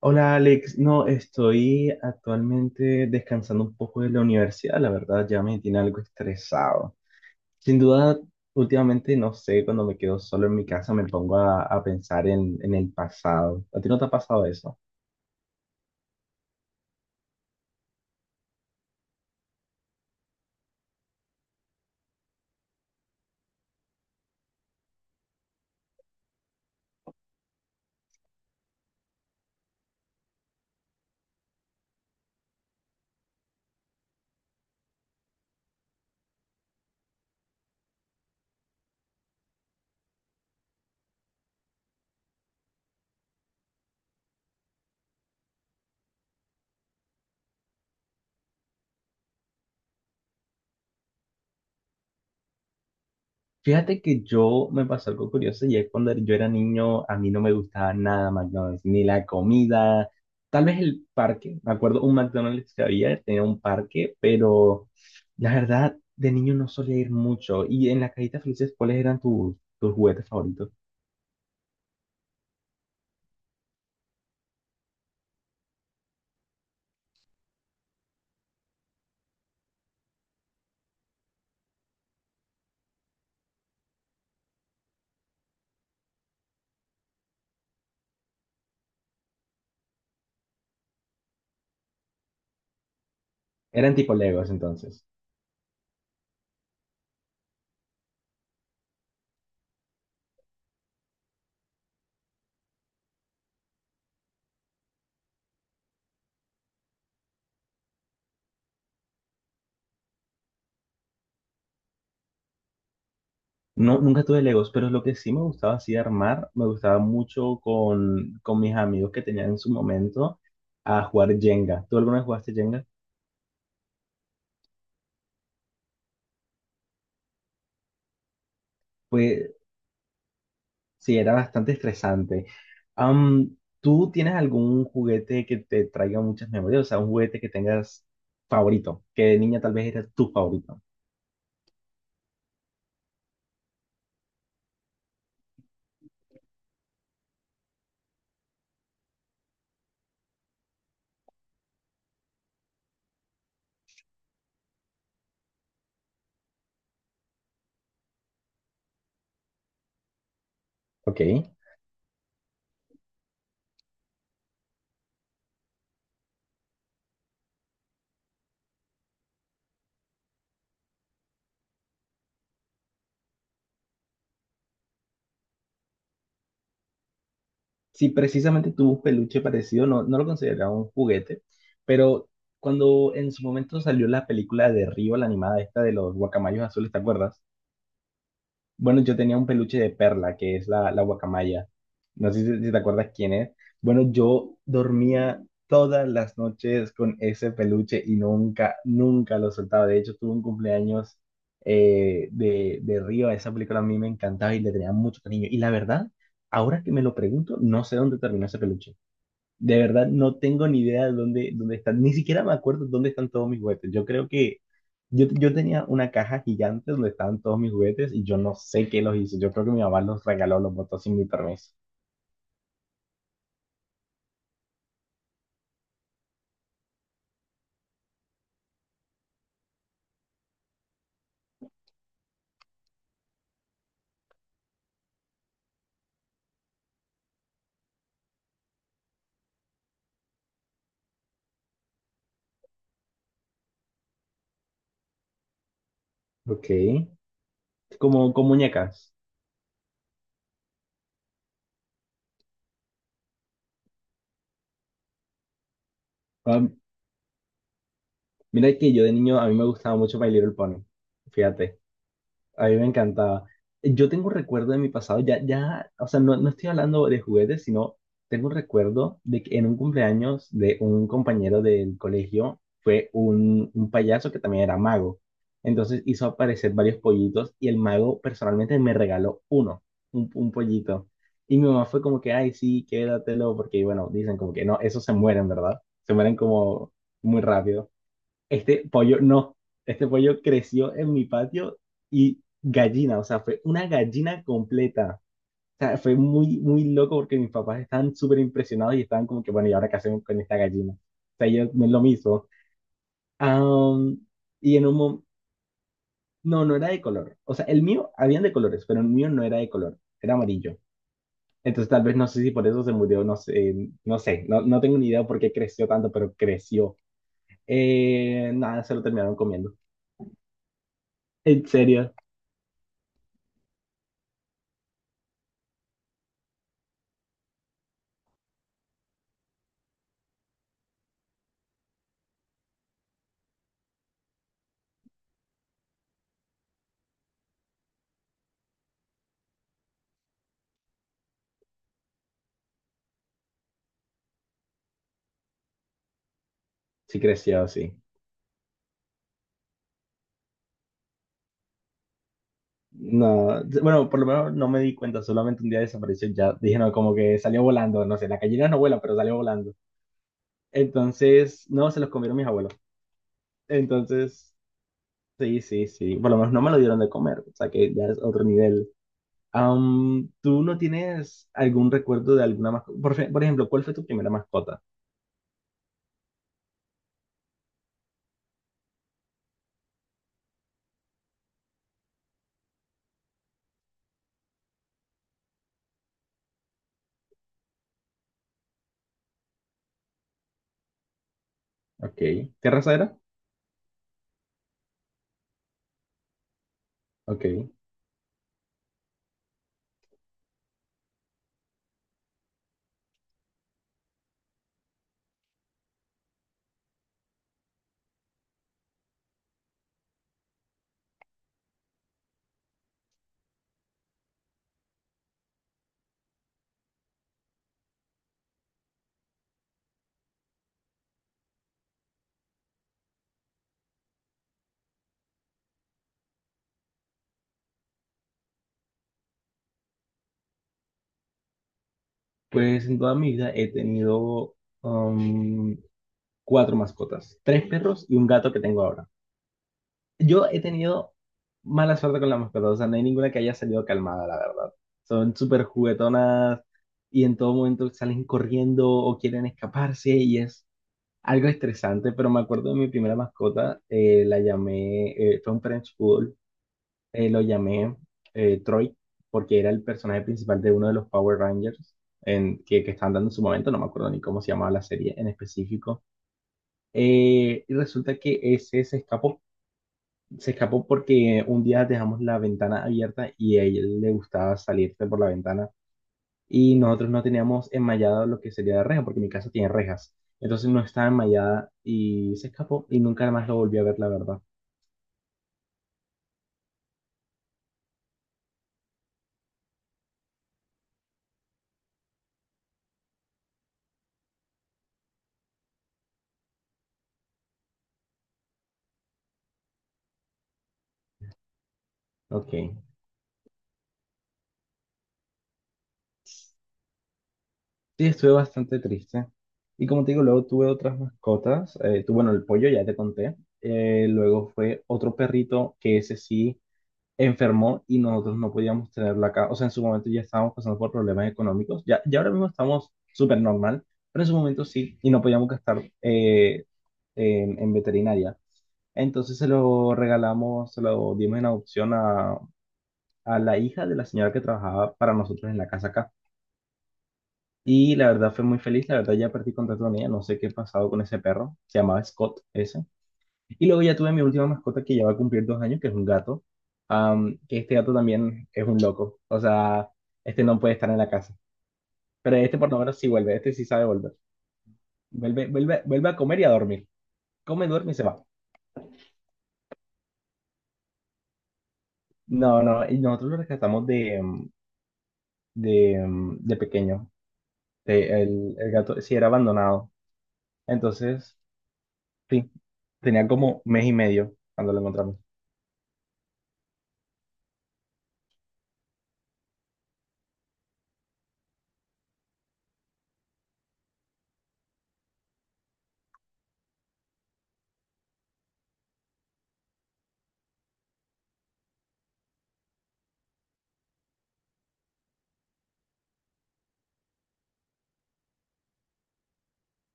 Hola Alex, no, estoy actualmente descansando un poco de la universidad, la verdad ya me tiene algo estresado. Sin duda, últimamente no sé, cuando me quedo solo en mi casa me pongo a pensar en el pasado. ¿A ti no te ha pasado eso? Fíjate que yo me pasó algo curioso y es cuando yo era niño, a mí no me gustaba nada McDonald's, ni la comida, tal vez el parque. Me acuerdo un McDonald's que había, tenía un parque, pero la verdad, de niño no solía ir mucho. Y en las cajitas felices, ¿cuáles eran tus juguetes favoritos? Eran tipo Legos entonces. No, nunca tuve Legos, pero lo que sí me gustaba así armar, me gustaba mucho con mis amigos que tenía en su momento a jugar Jenga. ¿Tú alguna vez jugaste Jenga? Pues sí, era bastante estresante. Am, ¿Tú tienes algún juguete que te traiga muchas memorias? O sea, un juguete que tengas favorito, que de niña tal vez era tu favorito. Ok. Si precisamente tuvo un peluche parecido, no, no lo consideraba un juguete, pero cuando en su momento salió la película de Río, la animada esta de los guacamayos azules, ¿te acuerdas? Bueno, yo tenía un peluche de Perla, que es la guacamaya. No sé si te acuerdas quién es. Bueno, yo dormía todas las noches con ese peluche y nunca, nunca lo soltaba. De hecho, tuve un cumpleaños de Río. Esa película a mí me encantaba y le tenía mucho cariño. Y la verdad, ahora que me lo pregunto, no sé dónde terminó ese peluche. De verdad, no tengo ni idea de dónde, dónde están. Ni siquiera me acuerdo dónde están todos mis juguetes. Yo creo que yo tenía una caja gigante donde estaban todos mis juguetes y yo no sé qué los hizo. Yo creo que mi mamá los regaló, los botó sin mi permiso. Ok. Como con muñecas. Ah, mira que yo de niño a mí me gustaba mucho My Little Pony. Fíjate. A mí me encantaba. Yo tengo un recuerdo de mi pasado, ya, ya, o sea, no, no estoy hablando de juguetes, sino tengo un recuerdo de que en un cumpleaños de un compañero del colegio fue un payaso que también era mago. Entonces hizo aparecer varios pollitos y el mago personalmente me regaló uno, un pollito. Y mi mamá fue como que, ay, sí, quédatelo, porque bueno, dicen como que no, esos se mueren, ¿verdad? Se mueren como muy rápido. Este pollo, no, este pollo creció en mi patio y gallina, o sea, fue una gallina completa. O sea, fue muy, muy loco porque mis papás estaban súper impresionados y estaban como que, bueno, ¿y ahora qué hacemos con esta gallina? O sea, yo no es lo mismo. Am, y en un momento, no, no era de color. O sea, el mío, habían de colores, pero el mío no era de color, era amarillo. Entonces tal vez no sé si por eso se murió, no sé, no sé, no, no tengo ni idea por qué creció tanto, pero creció. Nada, se lo terminaron comiendo. En serio, sí creció, sí. No, bueno, por lo menos no me di cuenta, solamente un día desapareció, y ya dije, no, como que salió volando, no sé, las gallinas no vuelan, pero salió volando. Entonces, no, se los comieron mis abuelos. Entonces, sí, sí, sí, por lo menos no me lo dieron de comer, o sea que ya es otro nivel. ¿Tú no tienes algún recuerdo de alguna mascota? Por, fe- por ejemplo, ¿cuál fue tu primera mascota? Ok, ¿qué raza era? Ok, pues en toda mi vida he tenido am, cuatro mascotas, tres perros y un gato que tengo ahora. Yo he tenido mala suerte con las mascotas, o sea, no hay ninguna que haya salido calmada, la verdad. Son súper juguetonas y en todo momento salen corriendo o quieren escaparse y es algo estresante, pero me acuerdo de mi primera mascota, la llamé, fue un French Poodle, lo llamé Troy porque era el personaje principal de uno de los Power Rangers en, que estaban dando en su momento, no me acuerdo ni cómo se llamaba la serie en específico. Y resulta que ese se escapó porque un día dejamos la ventana abierta y a ella le gustaba salirse por la ventana y nosotros no teníamos enmallado lo que sería la reja porque mi casa tiene rejas. Entonces no estaba enmallada y se escapó y nunca más lo volví a ver, la verdad. Ok. Sí, estuve bastante triste. Y como te digo, luego tuve otras mascotas. Tu- bueno, el pollo ya te conté. Luego fue otro perrito que ese sí enfermó y nosotros no podíamos tenerla acá. O sea, en su momento ya estábamos pasando por problemas económicos, ya, ya ahora mismo estamos súper normal, pero en su momento sí, y no podíamos gastar en veterinaria. Entonces se lo regalamos, se lo dimos en adopción a la hija de la señora que trabajaba para nosotros en la casa acá. Y la verdad fue muy feliz, la verdad ya perdí contacto con ella, no sé qué ha pasado con ese perro, se llamaba Scott ese. Y luego ya tuve mi última mascota que ya va a cumplir 2 años, que es un gato. Am, que este gato también es un loco. O sea, este no puede estar en la casa. Pero este por lo menos sí vuelve, este sí sabe volver. Vuelve, vuelve, vuelve a comer y a dormir. Come, duerme y se va. No, no, y nosotros lo rescatamos de, de pequeño. De- el gato sí era abandonado. Entonces, sí, tenía como mes y medio cuando lo encontramos.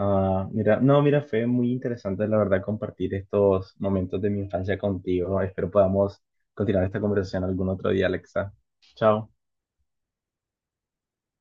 Ah, mira, no, mira, fue muy interesante, la verdad, compartir estos momentos de mi infancia contigo. Espero podamos continuar esta conversación algún otro día, Alexa. Chao.